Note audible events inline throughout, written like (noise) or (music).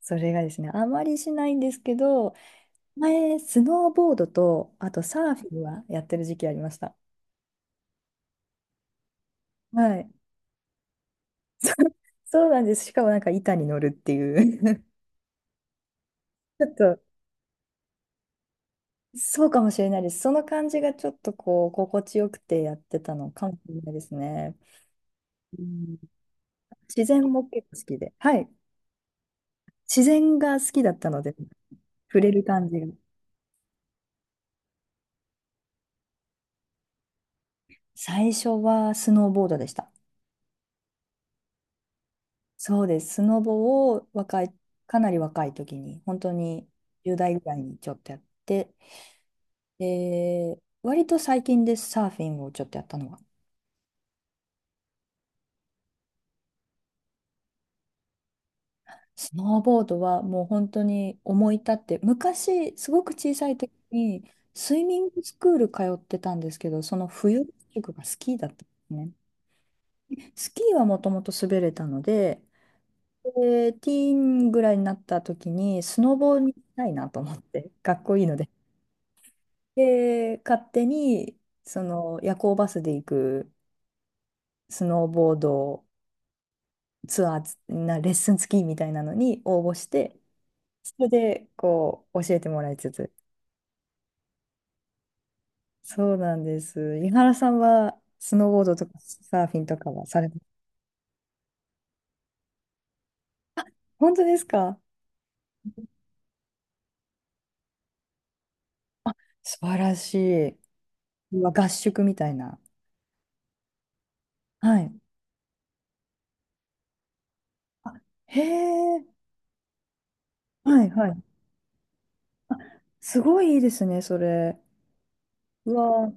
それがですね、あまりしないんですけど、前、スノーボードと、あとサーフィンはやってる時期ありました。はい。そうなんです。しかもなんか板に乗るっていう (laughs) ちょっと、そうかもしれないです。その感じがちょっとこう、心地よくてやってたのかもしれないですね。うん、自然も結構好きで。はい。自然が好きだったので、触れる感じが。最初はスノーボードでした。そうです。スノボを若い、かなり若い時に、本当に10代ぐらいにちょっとやって、で、割と最近です、サーフィンをちょっとやったのは。スノーボードはもう本当に思い立って、昔、すごく小さい時に、スイミングスクール通ってたんですけど、その冬、宿がスキーだったんですね。スキーはもともと滑れたので、で、ティーンぐらいになった時に、スノボに行きたいなと思って、(laughs) かっこいいので、で、勝手に、その夜行バスで行くスノーボードツアー、レッスン付きみたいなのに応募して、それで、こう、教えてもらいつつ。そうなんです。井原さんは、スノーボードとかサーフィンとかはされます？本当ですか？素晴らしい。うわ、合宿みたいな。はい。あ、へえ、はいはい。すごいいいですね、それ。うわ、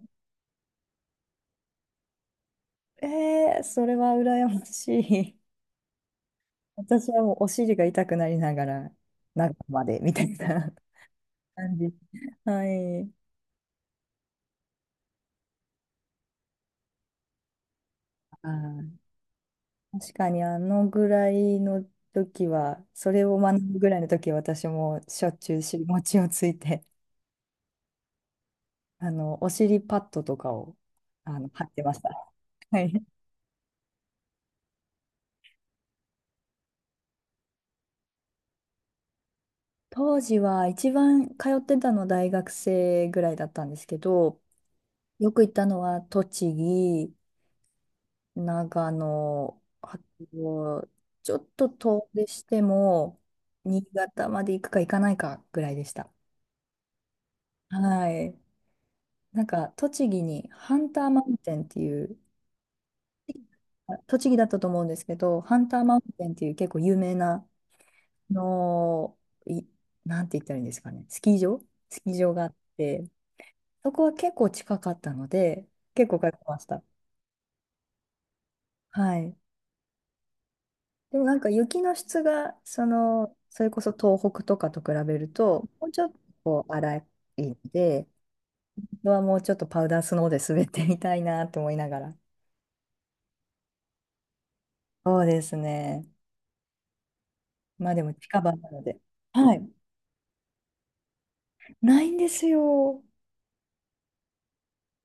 えー、それは羨ましい。私はもうお尻が痛くなりながら、中までみたいな (laughs) 感じ。はい。はい、確かにあのぐらいの時は、それを学ぶぐらいの時は私もしょっちゅう尻餅をついて、お尻パッドとかを、貼ってました。はい。当時は一番通ってたの大学生ぐらいだったんですけど、よく行ったのは栃木、長野、あと、ちょっと遠出しても、新潟まで行くか行かないかぐらいでした。はい。なんか、栃木にハンターマウンテンっていう、あ、栃木だったと思うんですけど、ハンターマウンテンっていう結構有名な、あのい、なんて言ったらいいんですかね、スキー場があって、そこは結構近かったので、結構通ってました。はい。でもなんか雪の質が、その、それこそ東北とかと比べると、もうちょっとこう荒いので、本当はもうちょっとパウダースノーで滑ってみたいなと思いながら。そうですね。まあでも近場なので。はい。ないんですよ。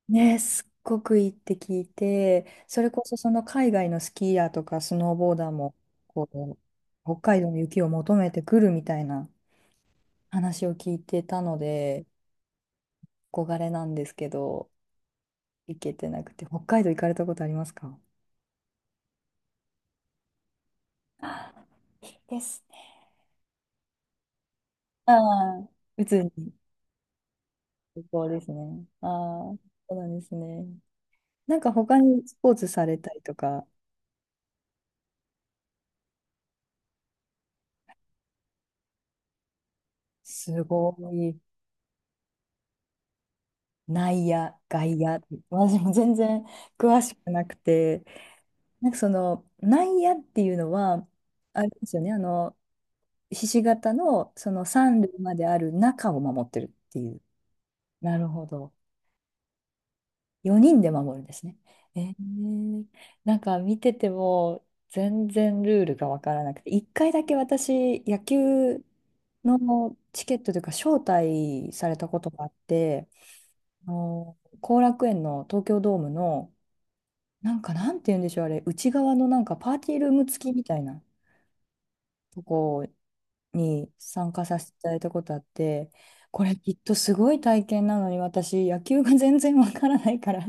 ね、すっごくいいって聞いて、それこそその海外のスキーヤーとかスノーボーダーも、こう、北海道の雪を求めてくるみたいな話を聞いてたので、憧れなんですけど。行けてなくて、北海道行かれたことありますか？あ、いいですね。うん。うつに、旅行ですね。ああ、そうなんですね。なんか他にスポーツされたりとか、すごい、内野、外野、私も全然詳しくなくて、なんかその内野っていうのは、あれですよね、ひし形のその三塁まである中を守ってるっていう。なるほど。4人で守るんですね。えー、なんか見てても全然ルールがわからなくて、1回だけ私、野球のチケットというか、招待されたことがあって、あの後楽園の東京ドームの、なんか、なんて言うんでしょう、あれ、内側のなんかパーティールーム付きみたいなとこに参加させていただいたことあって、これきっとすごい体験なのに私野球が全然わからないから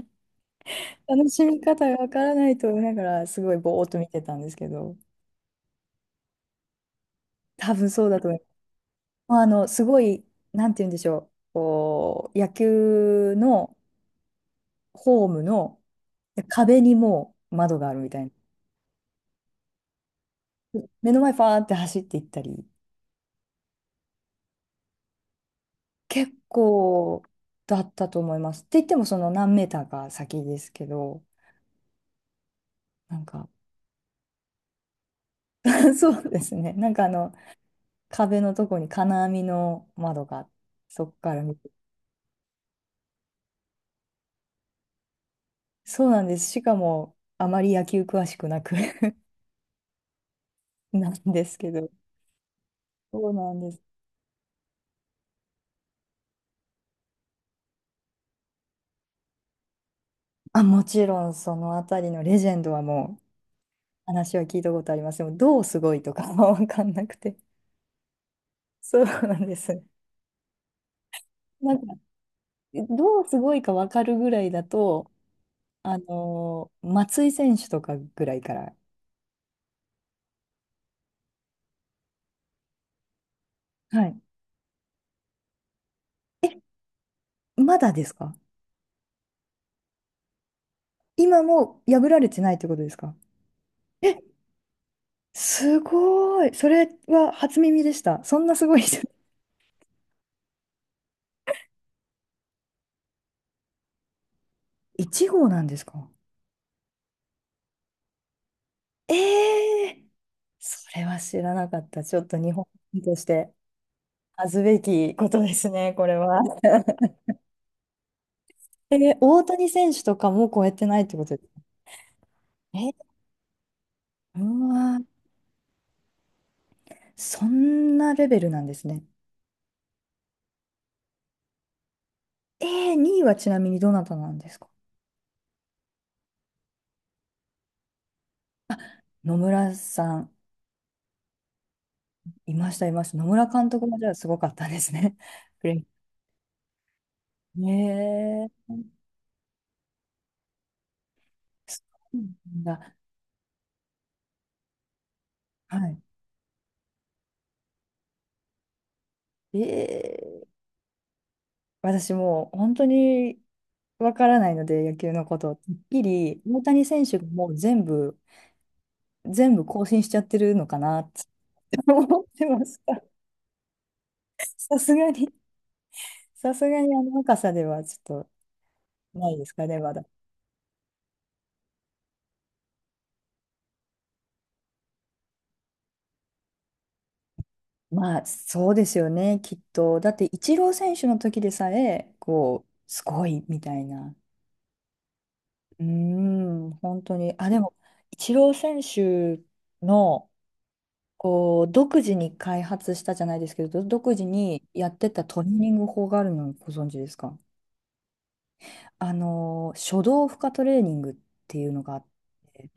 楽しみ方がわからないと思いながら、すごいぼーっと見てたんですけど、多分そうだと思います。まあ、あの、すごい、なんて言うんでしょう、こう、野球のホームの壁にもう窓があるみたいな。目の前ファーって走っていったり、結構だったと思います。って言っても、その何メーターか先ですけど、なんか、(laughs) そうですね、なんかあの、壁のとこに金網の窓が、そこから見て、そうなんです。しかも、あまり野球詳しくなく (laughs) なんですけど。そうなんです。あ、もちろん、そのあたりのレジェンドはもう、話は聞いたことあります。でも、どうすごいとかは (laughs) わかんなくて。そうなんです。なんか、どうすごいかわかるぐらいだと、松井選手とかぐらいから。はい。まだですか？今も破られてないってことですか？え、すごい。それは初耳でした。そんなすごい人。(laughs) 1号なんですか？ええー、それは知らなかった。ちょっと日本人として恥ずべきことですね、これは。えー、大谷選手とかも超えてないってことですね。えー、うわー、そんなレベルなんですね。えー、2位はちなみにどなたなんですか？野村さん、いました、いました。野村監督もじゃあすごかったですね。(laughs) プレイ、えー、そうなんだ。はい。えー、私もう本当にわからないので、野球のこと。てっきり、大谷選手がもう全部、全部更新しちゃってるのかなって (laughs) 思ってました。(laughs) さすがに、さすがにあの若さではちょっとないですかね、まだ。まあ、そうですよね、きっと。だって、イチロー選手の時でさえ、こう、すごいみたいな。うーん、本当に。あ、でも、イチロー選手の、こう独自に開発したじゃないですけど、独自にやってたトレーニング法があるのをご存知ですか？あの、初動負荷トレーニングっていうのがあって、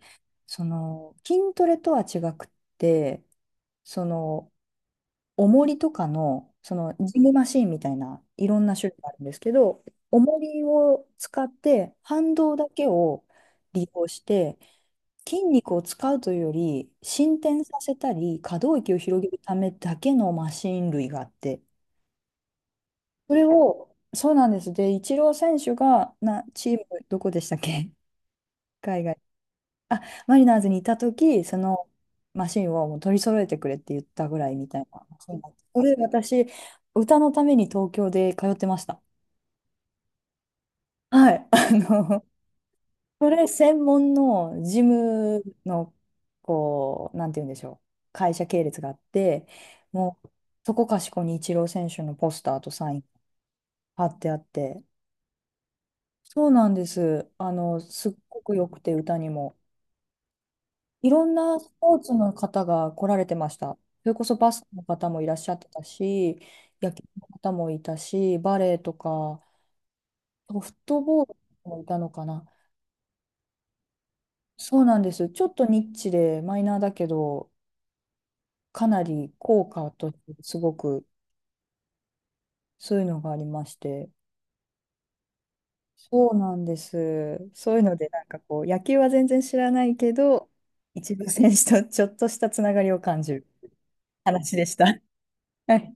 その、筋トレとは違くって、その、重りとかの、その、ジムマシンみたいな、いろんな種類があるんですけど、重りを使って、反動だけを利用して、筋肉を使うというより、伸展させたり、可動域を広げるためだけのマシン類があって、それを、そうなんです。で、イチロー選手が、チーム、どこでしたっけ？海外。あ、マリナーズにいた時、そのマシンをもう取り揃えてくれって言ったぐらいみたいなマシンだった。これ私、歌のために東京で通ってました。はい。(laughs) あの、それ専門のジムの、こう、なんて言うんでしょう。会社系列があって、もう、そこかしこにイチロー選手のポスターとサイン貼ってあって、そうなんです。あの、すっごく良くて、歌にも。いろんなスポーツの方が来られてました。それこそバスケの方もいらっしゃってたし、野球の方もいたし、バレーとか、ソフトボールもいたのかな。そうなんです。ちょっとニッチでマイナーだけど、かなり効果としてすごく、そういうのがありまして。そうなんです。そういうので、なんかこう、野球は全然知らないけど、一部選手とちょっとしたつながりを感じる話でした。はい